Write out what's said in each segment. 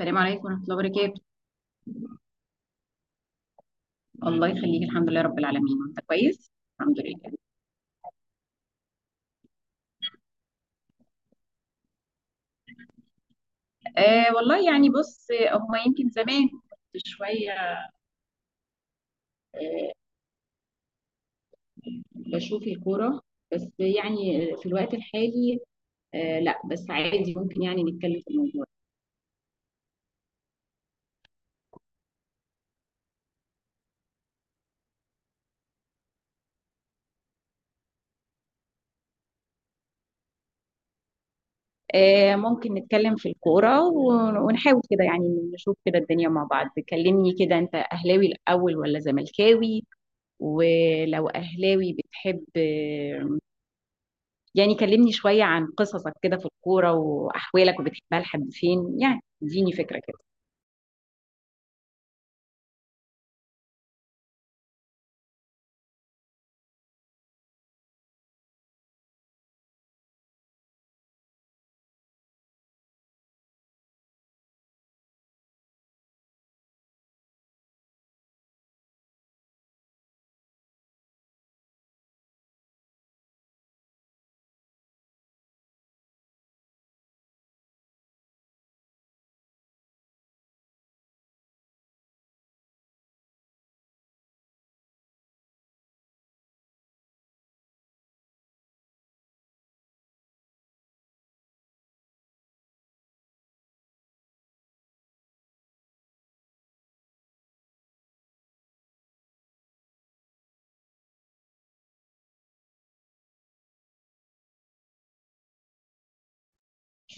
السلام عليكم ورحمة الله وبركاته. الله يخليك، الحمد لله رب العالمين. انت كويس؟ الحمد لله. آه والله، يعني بص هما يمكن زمان كنت شوية. آه بشوف الكورة، بس يعني في الوقت الحالي. آه، لا بس عادي، ممكن يعني نتكلم في الموضوع. آه، ممكن نتكلم في الكورة ونحاول كده يعني نشوف كده الدنيا مع بعض. كلمني كده، انت اهلاوي الاول ولا زملكاوي؟ ولو اهلاوي بتحب، يعني كلمني شوية عن قصصك كده في الكورة وأحوالك، وبتحبها لحد فين؟ يعني اديني فكرة كده.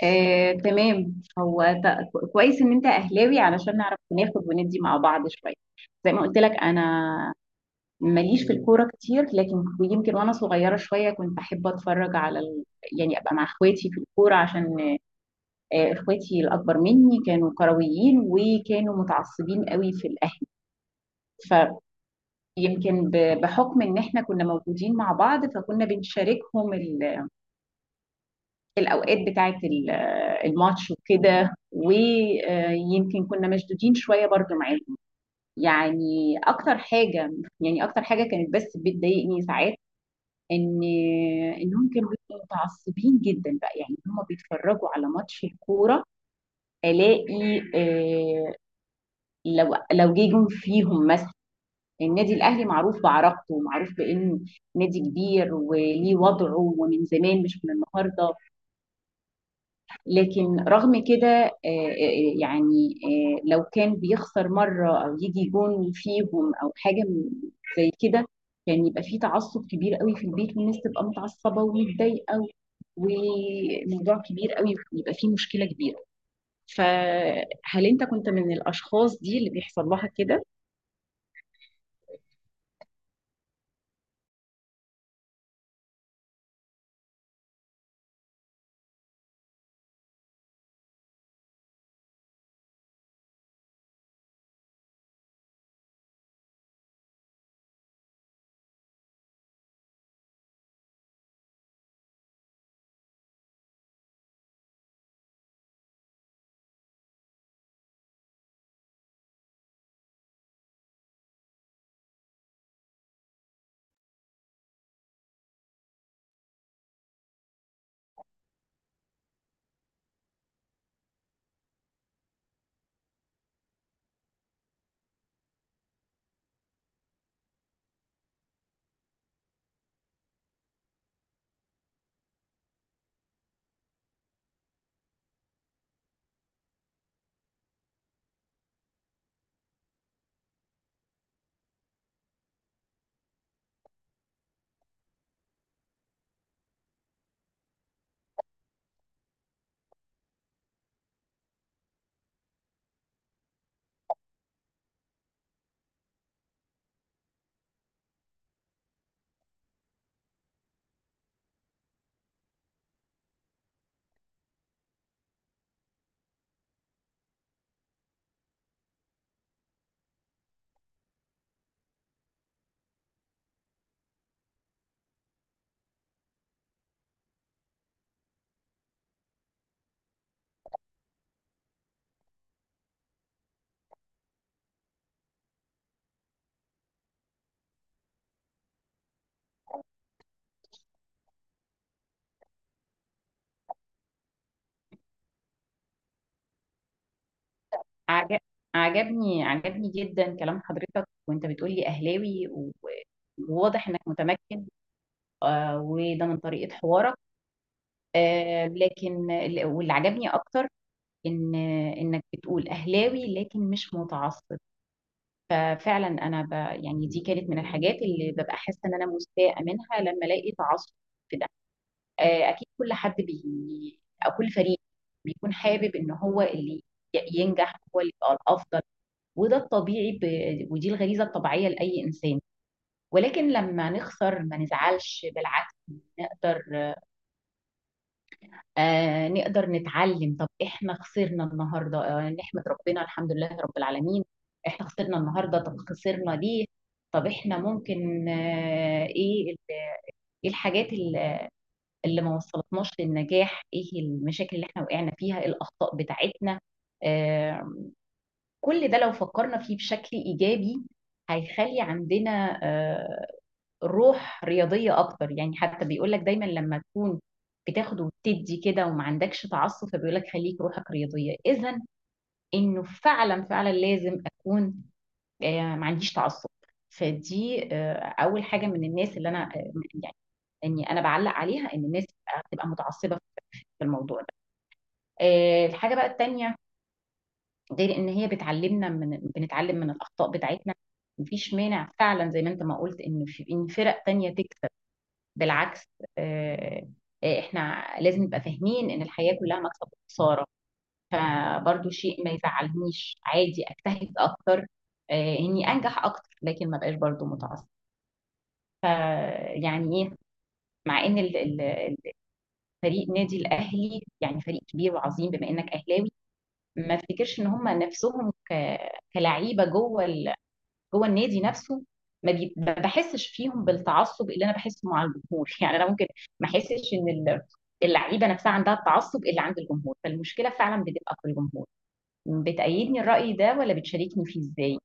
آه، تمام. هو كويس ان انت اهلاوي علشان نعرف ناخد وندي مع بعض شويه. زي ما قلت لك، انا ماليش في الكوره كتير، لكن يمكن وانا صغيره شويه كنت بحب اتفرج على يعني ابقى مع اخواتي في الكوره، عشان اخواتي الاكبر مني كانوا كرويين وكانوا متعصبين قوي في الاهلي. يمكن بحكم ان احنا كنا موجودين مع بعض، فكنا بنشاركهم الاوقات بتاعه الماتش وكده. ويمكن كنا مشدودين شويه برضو معاهم. يعني اكتر حاجه يعني اكتر حاجه كانت بس بتضايقني ساعات، ان انهم كانوا بيبقوا متعصبين جدا بقى، يعني هم بيتفرجوا على ماتش الكوره. الاقي لو جه جون فيهم مثلا. النادي الاهلي معروف بعراقته، ومعروف بانه نادي كبير وليه وضعه ومن زمان مش من النهارده. لكن رغم كده، لو كان بيخسر مره او يجي جون فيهم او حاجه زي كده، كان يعني يبقى فيه تعصب كبير قوي في البيت، والناس تبقى متعصبه ومتضايقه، وموضوع كبير قوي يبقى فيه مشكله كبيره. فهل انت كنت من الاشخاص دي اللي بيحصل لها كده؟ عجب عجبني جدا كلام حضرتك، وانت بتقولي اهلاوي وواضح انك متمكن. وده من طريقة حوارك. لكن واللي عجبني اكتر ان انك بتقول اهلاوي لكن مش متعصب. ففعلا انا يعني دي كانت من الحاجات اللي ببقى حاسه ان انا مستاءه منها، لما الاقي تعصب في ده. اكيد كل حد او كل فريق بيكون حابب ان هو اللي ينجح، هو اللي يبقى الافضل. وده الطبيعي ودي الغريزة الطبيعية لأي إنسان. ولكن لما نخسر ما نزعلش، بالعكس، نقدر نقدر نتعلم. طب إحنا خسرنا النهاردة. نحمد ربنا، الحمد لله رب العالمين. إحنا خسرنا النهاردة، طب خسرنا ليه؟ طب إحنا ممكن إيه الحاجات اللي ما وصلتناش للنجاح؟ إيه المشاكل اللي إحنا وقعنا فيها؟ ايه الأخطاء بتاعتنا؟ آه كل ده لو فكرنا فيه بشكل إيجابي هيخلي عندنا روح رياضية أكتر. يعني حتى بيقولك دايما لما تكون بتاخد وتدي كده وما عندكش تعصب، فبيقولك خليك روحك رياضية. إذا إنه فعلا فعلا لازم أكون ما عنديش تعصب. فدي أول حاجة من الناس اللي أنا يعني إني أنا بعلق عليها، إن الناس تبقى متعصبة في الموضوع ده. الحاجة بقى التانية، غير ان هي بتعلمنا بنتعلم من الاخطاء بتاعتنا. مفيش مانع فعلا، زي ما انت ما قلت، ان فرق تانية تكسب. بالعكس. آه، احنا لازم نبقى فاهمين ان الحياة كلها مكسب وخسارة. فبرضو شيء ما يزعلنيش، عادي، اجتهد اكتر اني انجح اكتر، لكن ما بقاش برضو متعصب. ف- يعني ايه، مع ان فريق نادي الاهلي يعني فريق كبير وعظيم، بما انك اهلاوي، ما افتكرش ان هم نفسهم كلعيبه جوه النادي نفسه. ما بحسش فيهم بالتعصب اللي انا بحسه مع الجمهور يعني انا ممكن ما احسش ان اللعيبه نفسها عندها التعصب اللي عند الجمهور. فالمشكله فعلا بتبقى في الجمهور. بتأيدني الرأي ده ولا بتشاركني فيه، ازاي؟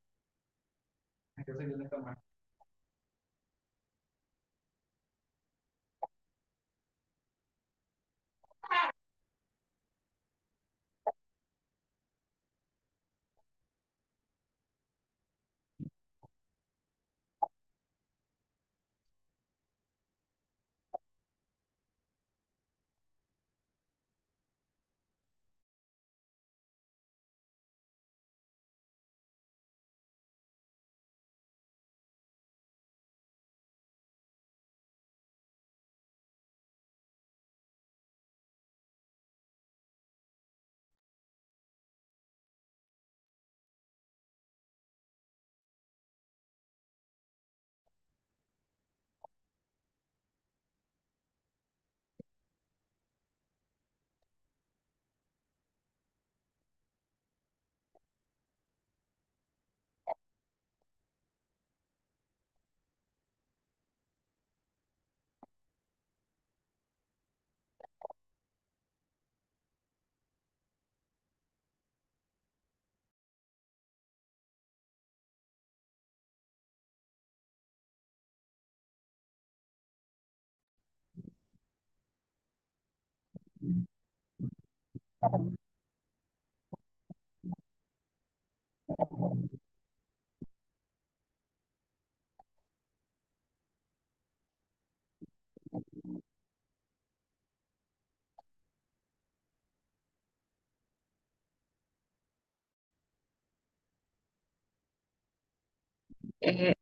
إيه،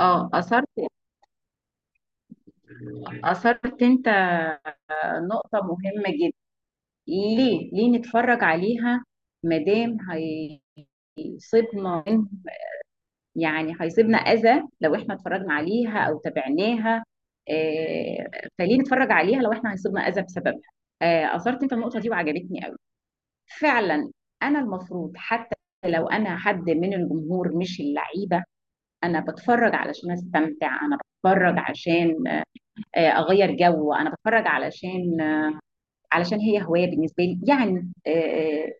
اه اثرت انت نقطه مهمه جدا. ليه ليه نتفرج عليها، مادام هيصيبنا هيصيبنا أذى لو إحنا اتفرجنا عليها أو تابعناها؟ آه، فليه نتفرج عليها لو إحنا هيصيبنا أذى بسببها؟ أثرت أنت النقطة دي وعجبتني قوي، فعلا. أنا المفروض حتى لو أنا حد من الجمهور مش اللعيبة، أنا بتفرج علشان أستمتع، أنا بتفرج عشان أغير جو، أنا بتفرج علشان علشان هي هواية بالنسبة لي. يعني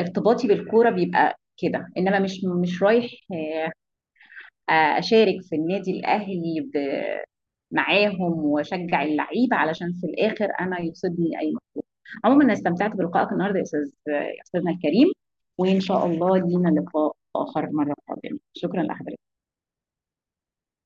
ارتباطي بالكورة بيبقى كده، انما مش رايح اشارك في النادي الاهلي معاهم واشجع اللعيبه، علشان في الاخر انا يصيبني اي. عموما انا استمتعت بلقائك النهارده يا استاذ، يا استاذنا الكريم. وان شاء الله لينا لقاء اخر مره قادمه. شكرا لحضرتك.